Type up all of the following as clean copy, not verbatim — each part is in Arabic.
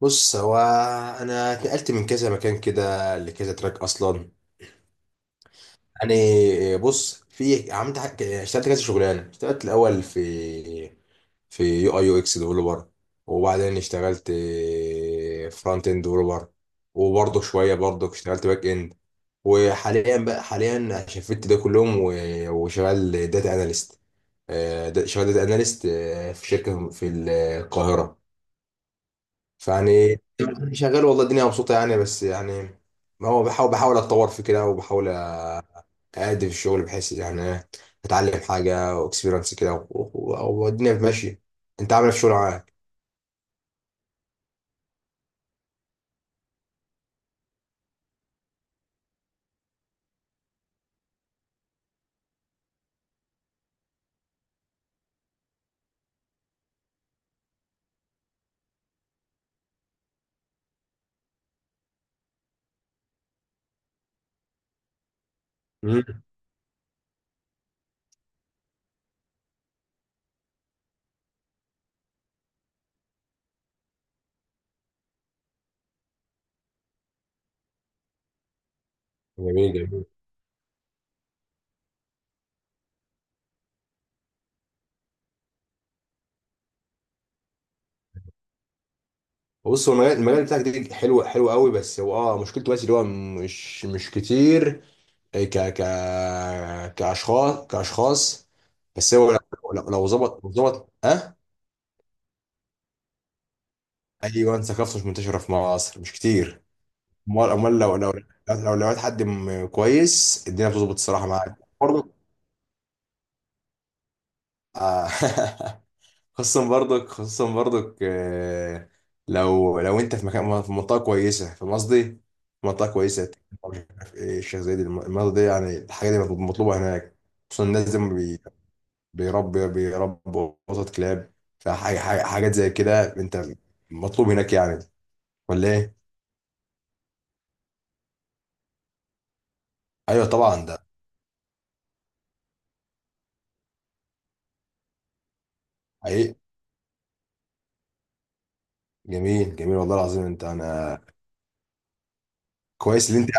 بص هو انا اتنقلت من كذا مكان كده لكذا تراك اصلا. يعني بص، اشتغلت كذا شغلانه. اشتغلت الاول في يو اي يو اكس ديفلوبر، وبعدين اشتغلت فرونت اند ديفلوبر، وبرضه شويه برضه اشتغلت باك اند. وحاليا بقى، حاليا شفت ده كلهم وشغال داتا اناليست. شغال داتا اناليست في شركه في القاهره. فيعني شغال، والله الدنيا مبسوطة يعني، بس يعني ما هو بحاول اتطور في كده، وبحاول أأدي في الشغل بحيث يعني إيه، اتعلم حاجة واكسبيرنس كده والدنيا ماشية. انت عامل إيه في الشغل معاك؟ مم. جميل جميل. بص، هو المجال بتاعك ده حلو، حلو قوي، بس هو مشكلته بس اللي هو مش كتير ك ك كاشخاص كاشخاص. بس هو لو، لو ظبط، لو ظبط اه ايوه، ثقافته مش منتشره في مصر، مش كتير. امال امال لو، لو لقيت حد كويس، الدنيا بتظبط الصراحه معاك برضك. آه. خصوصا برضك، لو انت في مكان، في منطقه كويسه، في قصدي في منطقه كويسه. مش عارف ايه، الشيخ زايد، المنطقه دي يعني، الحاجه دي مطلوبه هناك. خصوصا الناس دي بي- بيربي بيربوا قطط كلاب، حاجات زي كده انت، مطلوب هناك يعني، ولا ايه؟ ايوه طبعا ده. حقيقي. جميل جميل والله العظيم. انت انا كويس اللي انت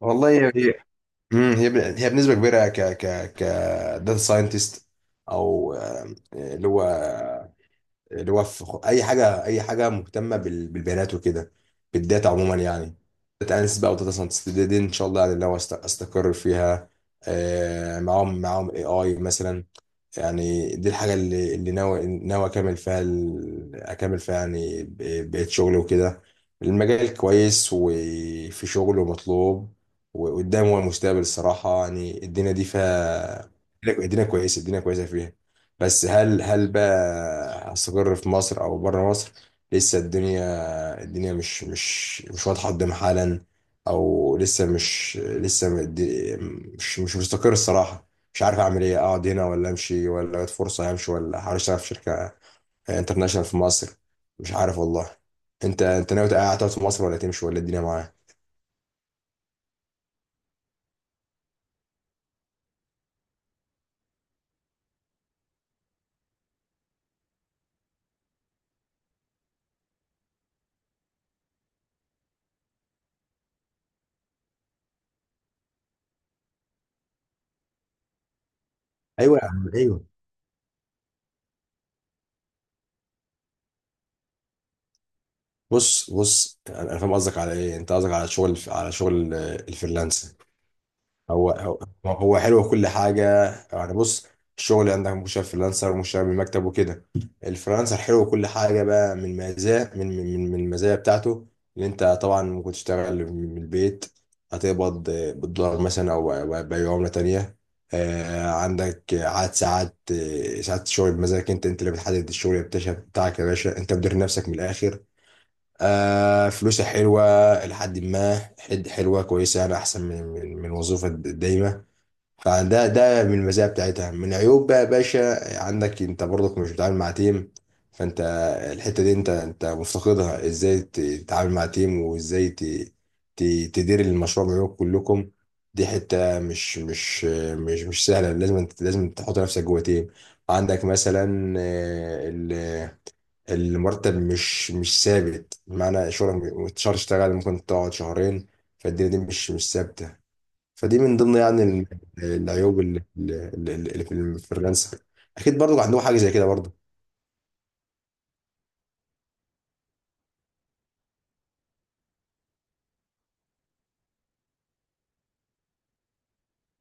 والله، هي هي هي بنسبه كبيره ك ك ك داتا ساينتست، او اللي هو، اللي هو في اي حاجه، اي حاجه مهتمه بالبيانات وكده، بالداتا عموما يعني. داتا اناليست بقى وداتا ساينتست دي، دي ان شاء الله يعني لو استقر فيها معاهم اي مثلا. يعني دي الحاجة اللي ناوي أكمل فيها، أكمل فيها يعني بقيت شغلي وكده. المجال كويس وفي شغل ومطلوب، وقدام هو المستقبل الصراحة. يعني الدنيا دي فيها، الدنيا كويسة الدنيا كويسة فيها. بس هل، هل بقى هستقر في مصر أو بره مصر، لسه الدنيا، الدنيا مش واضحة قدام حالا، أو لسه مش لسه مد- مش مستقر الصراحة. مش عارف اعمل ايه، اقعد هنا ولا امشي، ولا جت فرصه همشي، ولا احاول اشتغل في شركه انترناشونال في مصر. مش عارف والله. انت ناوي تقعد، تقعد في مصر ولا تمشي ولا الدنيا معاك؟ ايوه يا عم ايوه. بص أنا فاهم قصدك على ايه. انت قصدك على شغل، على شغل الفريلانس. هو هو حلو كل حاجة يعني. بص، الشغل عندك مشاريع فريلانسر ومشاريع بالمكتب وكده. الفريلانسر حلو كل حاجة بقى. من مزايا، من المزايا بتاعته، اللي انت طبعا ممكن تشتغل من البيت، هتقبض بالدولار مثلا، او أو بأي عملة تانية، عندك عدد ساعات، ساعات الشغل بمزاجك، انت انت اللي بتحدد الشغل بتاعك يا باشا، انت مدير نفسك من الاخر. آه فلوسها حلوة إلى حد ما، حلوة كويسة يعني، أحسن من، من وظيفة دايمة. فده ده من المزايا بتاعتها. من عيوب بقى يا باشا، عندك أنت برضك مش بتتعامل مع تيم. فأنت الحتة دي أنت مفتقدها، إزاي تتعامل مع تيم، وإزاي تدير المشروع بعيوب كلكم. دي حتة مش سهلة. لازم تحط نفسك جوه تيم. عندك مثلا المرتب مش ثابت، بمعنى شغلك شهر تشتغل، ممكن تقعد شهرين. فالدنيا دي مش ثابته. فدي من ضمن يعني العيوب اللي في الفريلانسر. اكيد برضو عندهم حاجه زي كده برضو.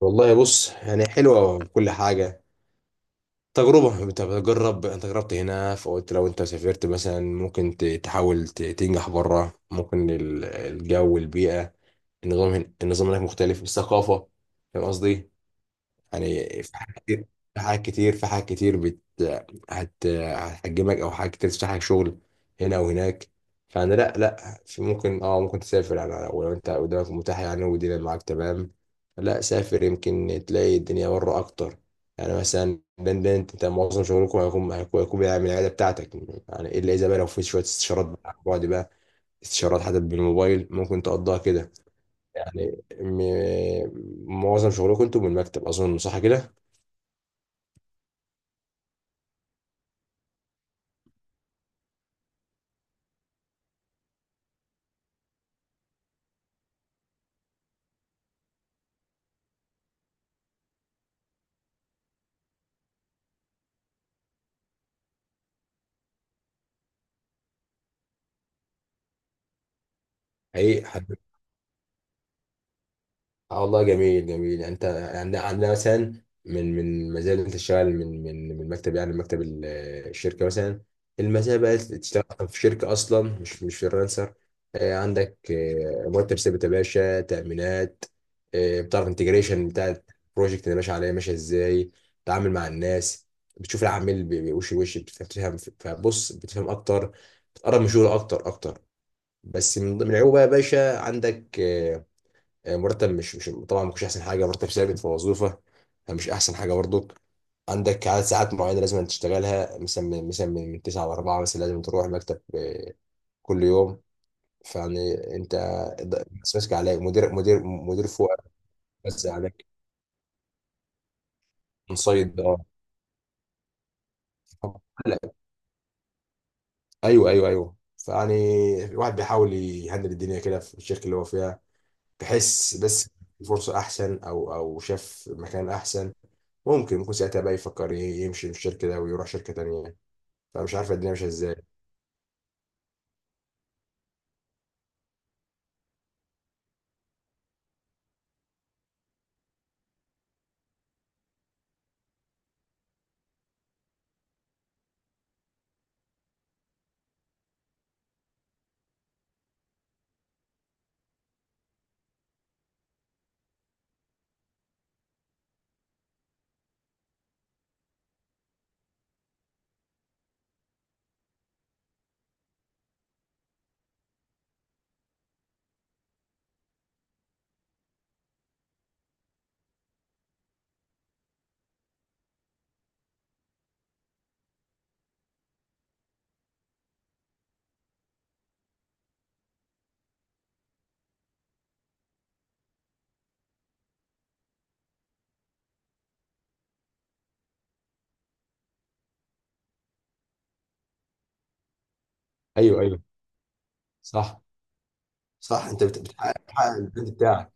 والله بص، يعني حلوة كل حاجة، تجربة، انت بتجرب. انت جربت هنا، فقلت لو انت سافرت مثلا، ممكن تحاول تنجح بره. ممكن الجو والبيئة، النظام هنا، النظام هناك مختلف، الثقافة، فاهم قصدي. يعني في حاجات كتير، في حاجات كتير بت هت هتحجمك، او حاجات كتير تفتح لك شغل هنا وهناك. فانا لا لا، في ممكن، ممكن تسافر يعني، لو انت قدامك متاح يعني، والدنيا معاك تمام، لا سافر. يمكن تلاقي الدنيا بره اكتر. يعني مثلا لندن، أنت معظم شغلكم هيكون، هيكون بيعمل العياده بتاعتك يعني، الا اذا بقى لو في شويه استشارات بقى عن بعد بقى، استشارات حتى بالموبايل ممكن تقضيها كده. يعني معظم شغلكم انتوا من المكتب، اظن صح كده؟ حقيقي حد آه والله، جميل جميل يعني. انت عندنا، عندنا مثلا من، من مزايا اللي انت تشتغل من، من مكتب يعني، مكتب الشركه مثلا. المزايا بقى تشتغل في شركه اصلا مش، مش فريلانسر. عندك مرتب ثابت يا باشا، تامينات، بتعرف انتجريشن بتاع البروجكت اللي ماشي عليه ماشيه ازاي، تتعامل مع الناس، بتشوف العميل وش لوش، بتفهم، فبص بتفهم اكتر، بتقرب من شغله اكتر. بس من ضمن العيوب بقى يا باشا، عندك مرتب مش مش طبعا ما كانش احسن حاجه مرتب ثابت في وظيفه، مش احسن حاجه برضك. عندك عدد ساعات معينه لازم تشتغلها، مثلا من، مثلا من 9 ل 4 مثلا، لازم تروح المكتب كل يوم. فيعني انت بس ماسك عليك مدير، مدير فوق، بس عليك. منصيد اه لا ايوه ايوه. فيعني الواحد بيحاول يهندل الدنيا كده في الشركه اللي هو فيها. بحس بس فرصه احسن، او شاف مكان احسن، ممكن ساعتها بقى يفكر يمشي من الشركه ده ويروح شركه تانيه. فمش عارفه الدنيا ماشيه ازاي. ايوه ايوه. صح. صح، انت بتحقق، بتحقق البراند بتاعك.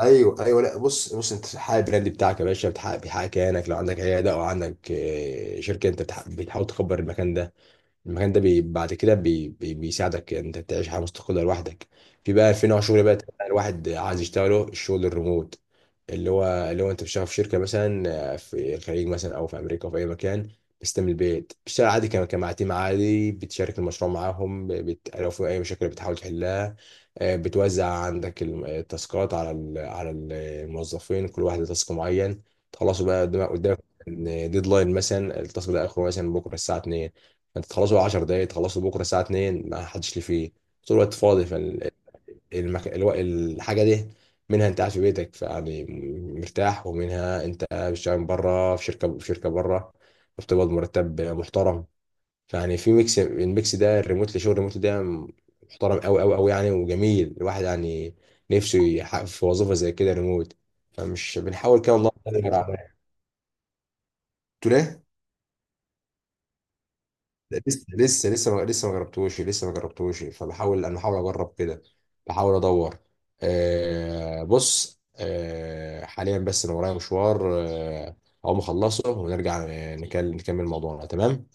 ايوه ايوه. لا بص، بص انت بتحقق البراند بتاعك يا باشا، بتحقق، بيحقق كيانك. لو عندك عياده او عندك شركه، انت بتحاول تكبر المكان ده. المكان ده بي بعد كده بي بي بيساعدك انت تعيش حياه مستقله لوحدك. في بقى في نوع شغل بقى الواحد عايز يشتغله، الشغل الريموت، اللي هو اللي هو انت بتشتغل في شركه مثلا في الخليج مثلا، او في امريكا، او في اي مكان، بس انت من البيت بتشتغل عادي، كمع تيم عادي، بتشارك المشروع معاهم، لو في اي مشاكل بتحاول تحلها، بتوزع عندك التاسكات على ال... على ال- الموظفين، كل واحد له تاسك معين، تخلصوا بقى قدامك. ديدلاين مثلا، التاسك ده اخره مثلا بكره الساعه 2، فانت تخلصه 10 دقايق، تخلصه بكره الساعه 2، ما حدش ليه فيه، طول الوقت فاضي. الحاجه دي، منها انت قاعد في بيتك يعني مرتاح، ومنها انت بتشتغل بره في شركه، في شركه بره، فبتقبض مرتب محترم. فيعني في ميكس، الميكس ده الريموت، اللي شغل الريموت ده محترم قوي يعني. وجميل الواحد يعني نفسه يحقق في وظيفه زي كده ريموت. فمش بنحاول كده والله ندور على- قلت له إيه؟ لسه لسه لسه ما لسه ما جربتوش، لسه ما جربتوش. فبحاول، انا بحاول اجرب كده، بحاول ادور. آه بص، آه حاليا بس انا ورايا مشوار آه، اقوم اخلصه ونرجع نكمل موضوعنا. تمام.